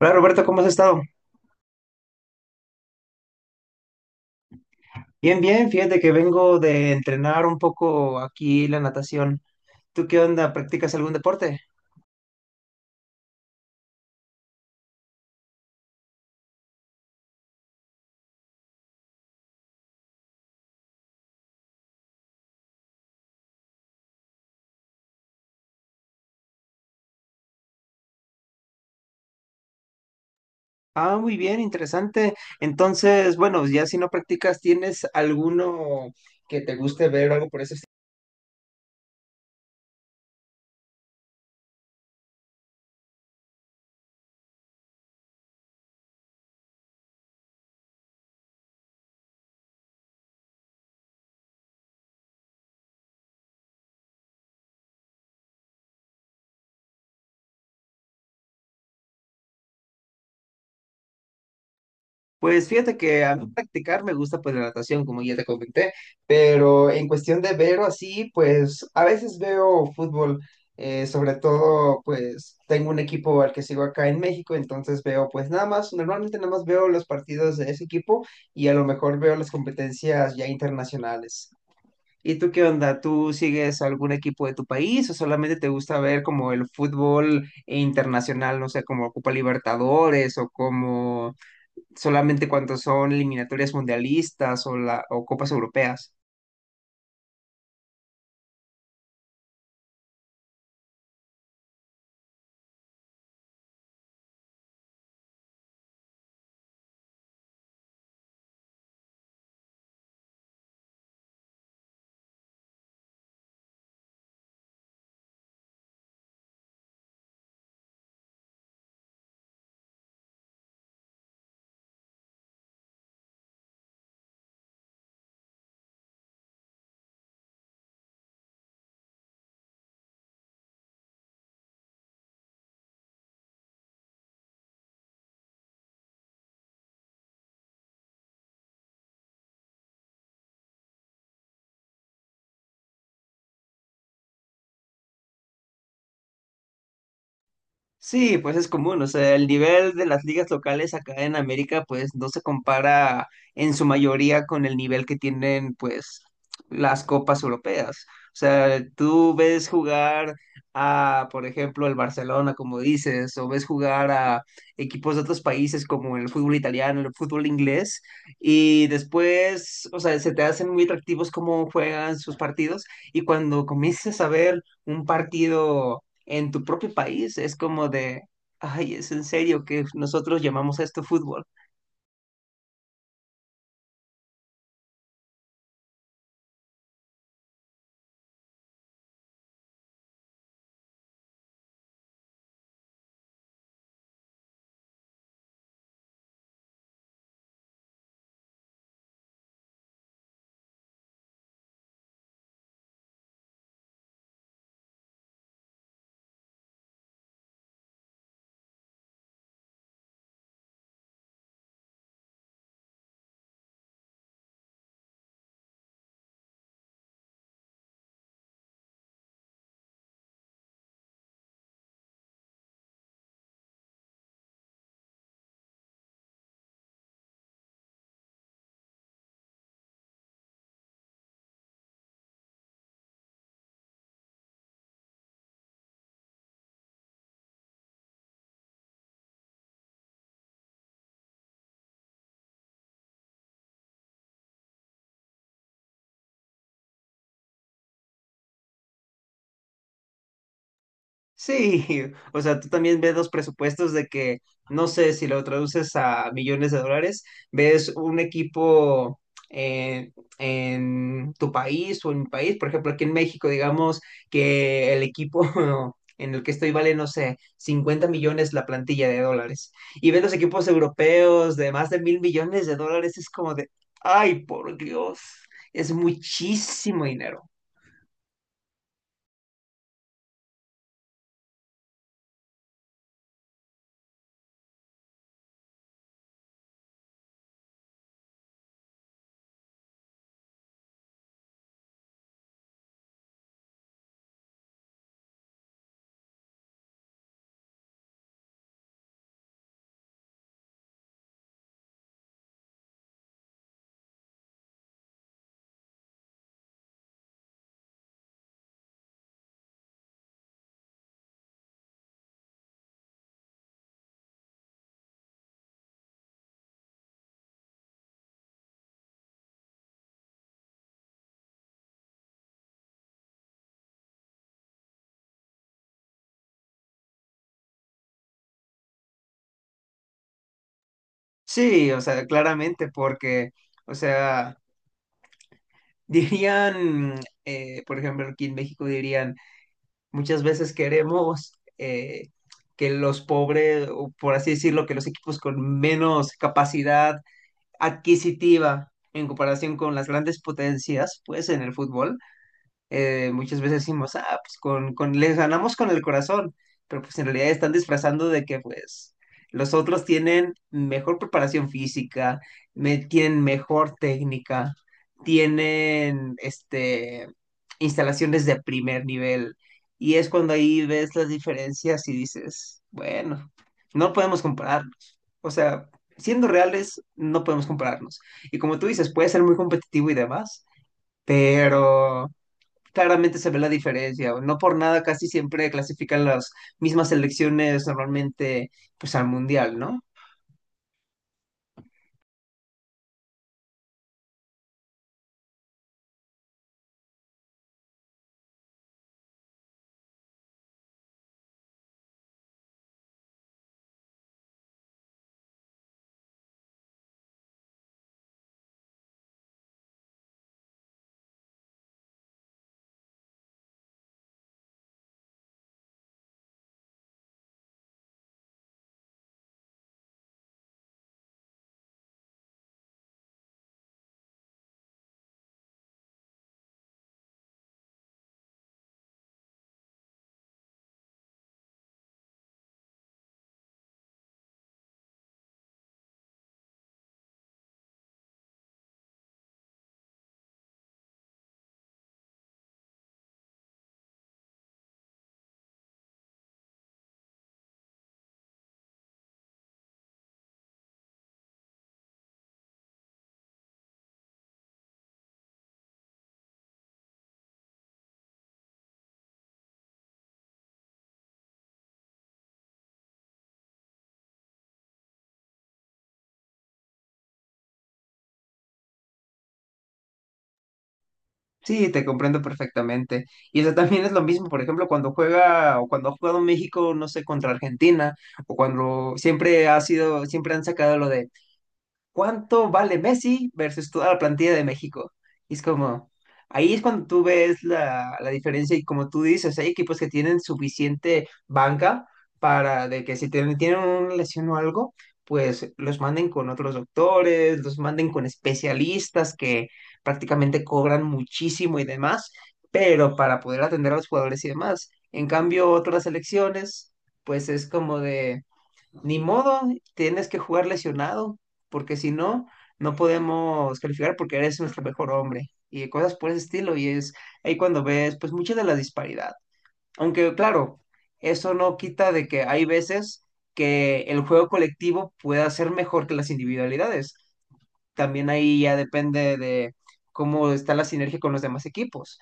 Hola Roberto, ¿cómo has estado? Bien, bien, fíjate que vengo de entrenar un poco aquí la natación. ¿Tú qué onda? ¿Practicas algún deporte? Ah, muy bien, interesante. Entonces, bueno, ya si no practicas, ¿tienes alguno que te guste ver o algo por eso? Pues fíjate que a mí practicar me gusta pues la natación, como ya te comenté, pero en cuestión de ver o así, pues a veces veo fútbol, sobre todo pues tengo un equipo al que sigo acá en México, entonces veo pues nada más, normalmente nada más veo los partidos de ese equipo y a lo mejor veo las competencias ya internacionales. ¿Y tú qué onda? ¿Tú sigues algún equipo de tu país o solamente te gusta ver como el fútbol internacional, no sé, como Copa Libertadores o como solamente cuando son eliminatorias mundialistas o copas europeas. Sí, pues es común, o sea, el nivel de las ligas locales acá en América pues no se compara en su mayoría con el nivel que tienen pues las copas europeas. O sea, tú ves jugar a, por ejemplo, el Barcelona, como dices, o ves jugar a equipos de otros países como el fútbol italiano, el fútbol inglés, y después, o sea, se te hacen muy atractivos cómo juegan sus partidos, y cuando comienzas a ver un partido en tu propio país es como de, ay, ¿es en serio que nosotros llamamos esto fútbol? Sí, o sea, tú también ves los presupuestos de que, no sé, si lo traduces a millones de dólares, ves un equipo en, en tu país o en mi país, por ejemplo, aquí en México, digamos que el equipo en el que estoy vale, no sé, 50 millones la plantilla de dólares. Y ves los equipos europeos de más de 1,000 millones de dólares, es como de, ay, por Dios, es muchísimo dinero. Sí, o sea, claramente, porque, o sea, dirían, por ejemplo, aquí en México dirían, muchas veces queremos eh, que los pobres, o por así decirlo, que los equipos con menos capacidad adquisitiva en comparación con las grandes potencias, pues en el fútbol, muchas veces decimos, ah, pues les ganamos con el corazón, pero pues en realidad están disfrazando de que pues los otros tienen mejor preparación física, tienen mejor técnica, tienen este, instalaciones de primer nivel, y es cuando ahí ves las diferencias y dices, bueno, no podemos compararnos. O sea, siendo reales, no podemos compararnos. Y como tú dices, puede ser muy competitivo y demás, pero claramente se ve la diferencia. No por nada casi siempre clasifican las mismas selecciones normalmente pues al mundial, ¿no? Sí, te comprendo perfectamente. Y eso también es lo mismo, por ejemplo, cuando juega o cuando ha jugado México, no sé, contra Argentina, o cuando siempre ha sido, siempre han sacado lo de ¿cuánto vale Messi versus toda la plantilla de México? Y es como, ahí es cuando tú ves la diferencia y como tú dices, hay equipos que tienen suficiente banca para de que si tienen una lesión o algo, pues los manden con otros doctores, los manden con especialistas que prácticamente cobran muchísimo y demás, pero para poder atender a los jugadores y demás. En cambio, otras selecciones, pues es como de... Ni modo, tienes que jugar lesionado, porque si no, no podemos calificar porque eres nuestro mejor hombre y cosas por ese estilo. Y es ahí cuando ves, pues, mucha de la disparidad. Aunque, claro, eso no quita de que hay veces que el juego colectivo pueda ser mejor que las individualidades. También ahí ya depende de cómo está la sinergia con los demás equipos.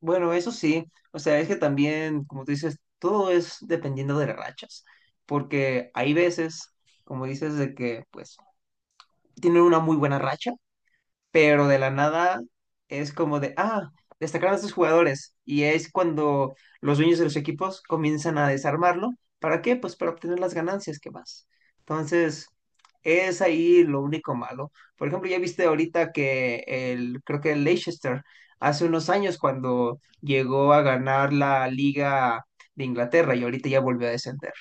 Bueno, eso sí, o sea, es que también, como tú dices, todo es dependiendo de las rachas, porque hay veces, como dices, de que pues tienen una muy buena racha pero de la nada es como de, ah, destacaron a estos jugadores. Y es cuando los dueños de los equipos comienzan a desarmarlo. ¿Para qué? Pues para obtener las ganancias que más. Entonces, es ahí lo único malo. Por ejemplo, ya viste ahorita que el, creo que el Leicester, hace unos años cuando llegó a ganar la Liga de Inglaterra y ahorita ya volvió a descender.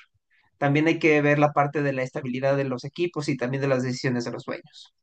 También hay que ver la parte de la estabilidad de los equipos y también de las decisiones de los dueños.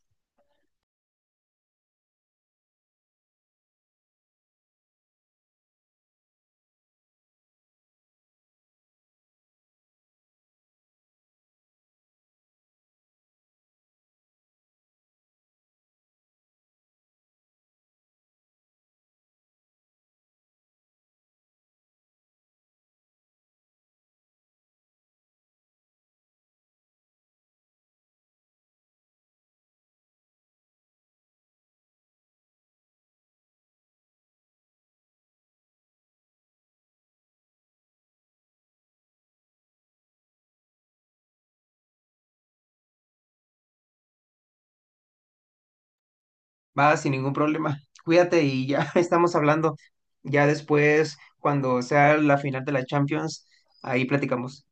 Va, sin ningún problema. Cuídate y ya estamos hablando. Ya después, cuando sea la final de la Champions, ahí platicamos.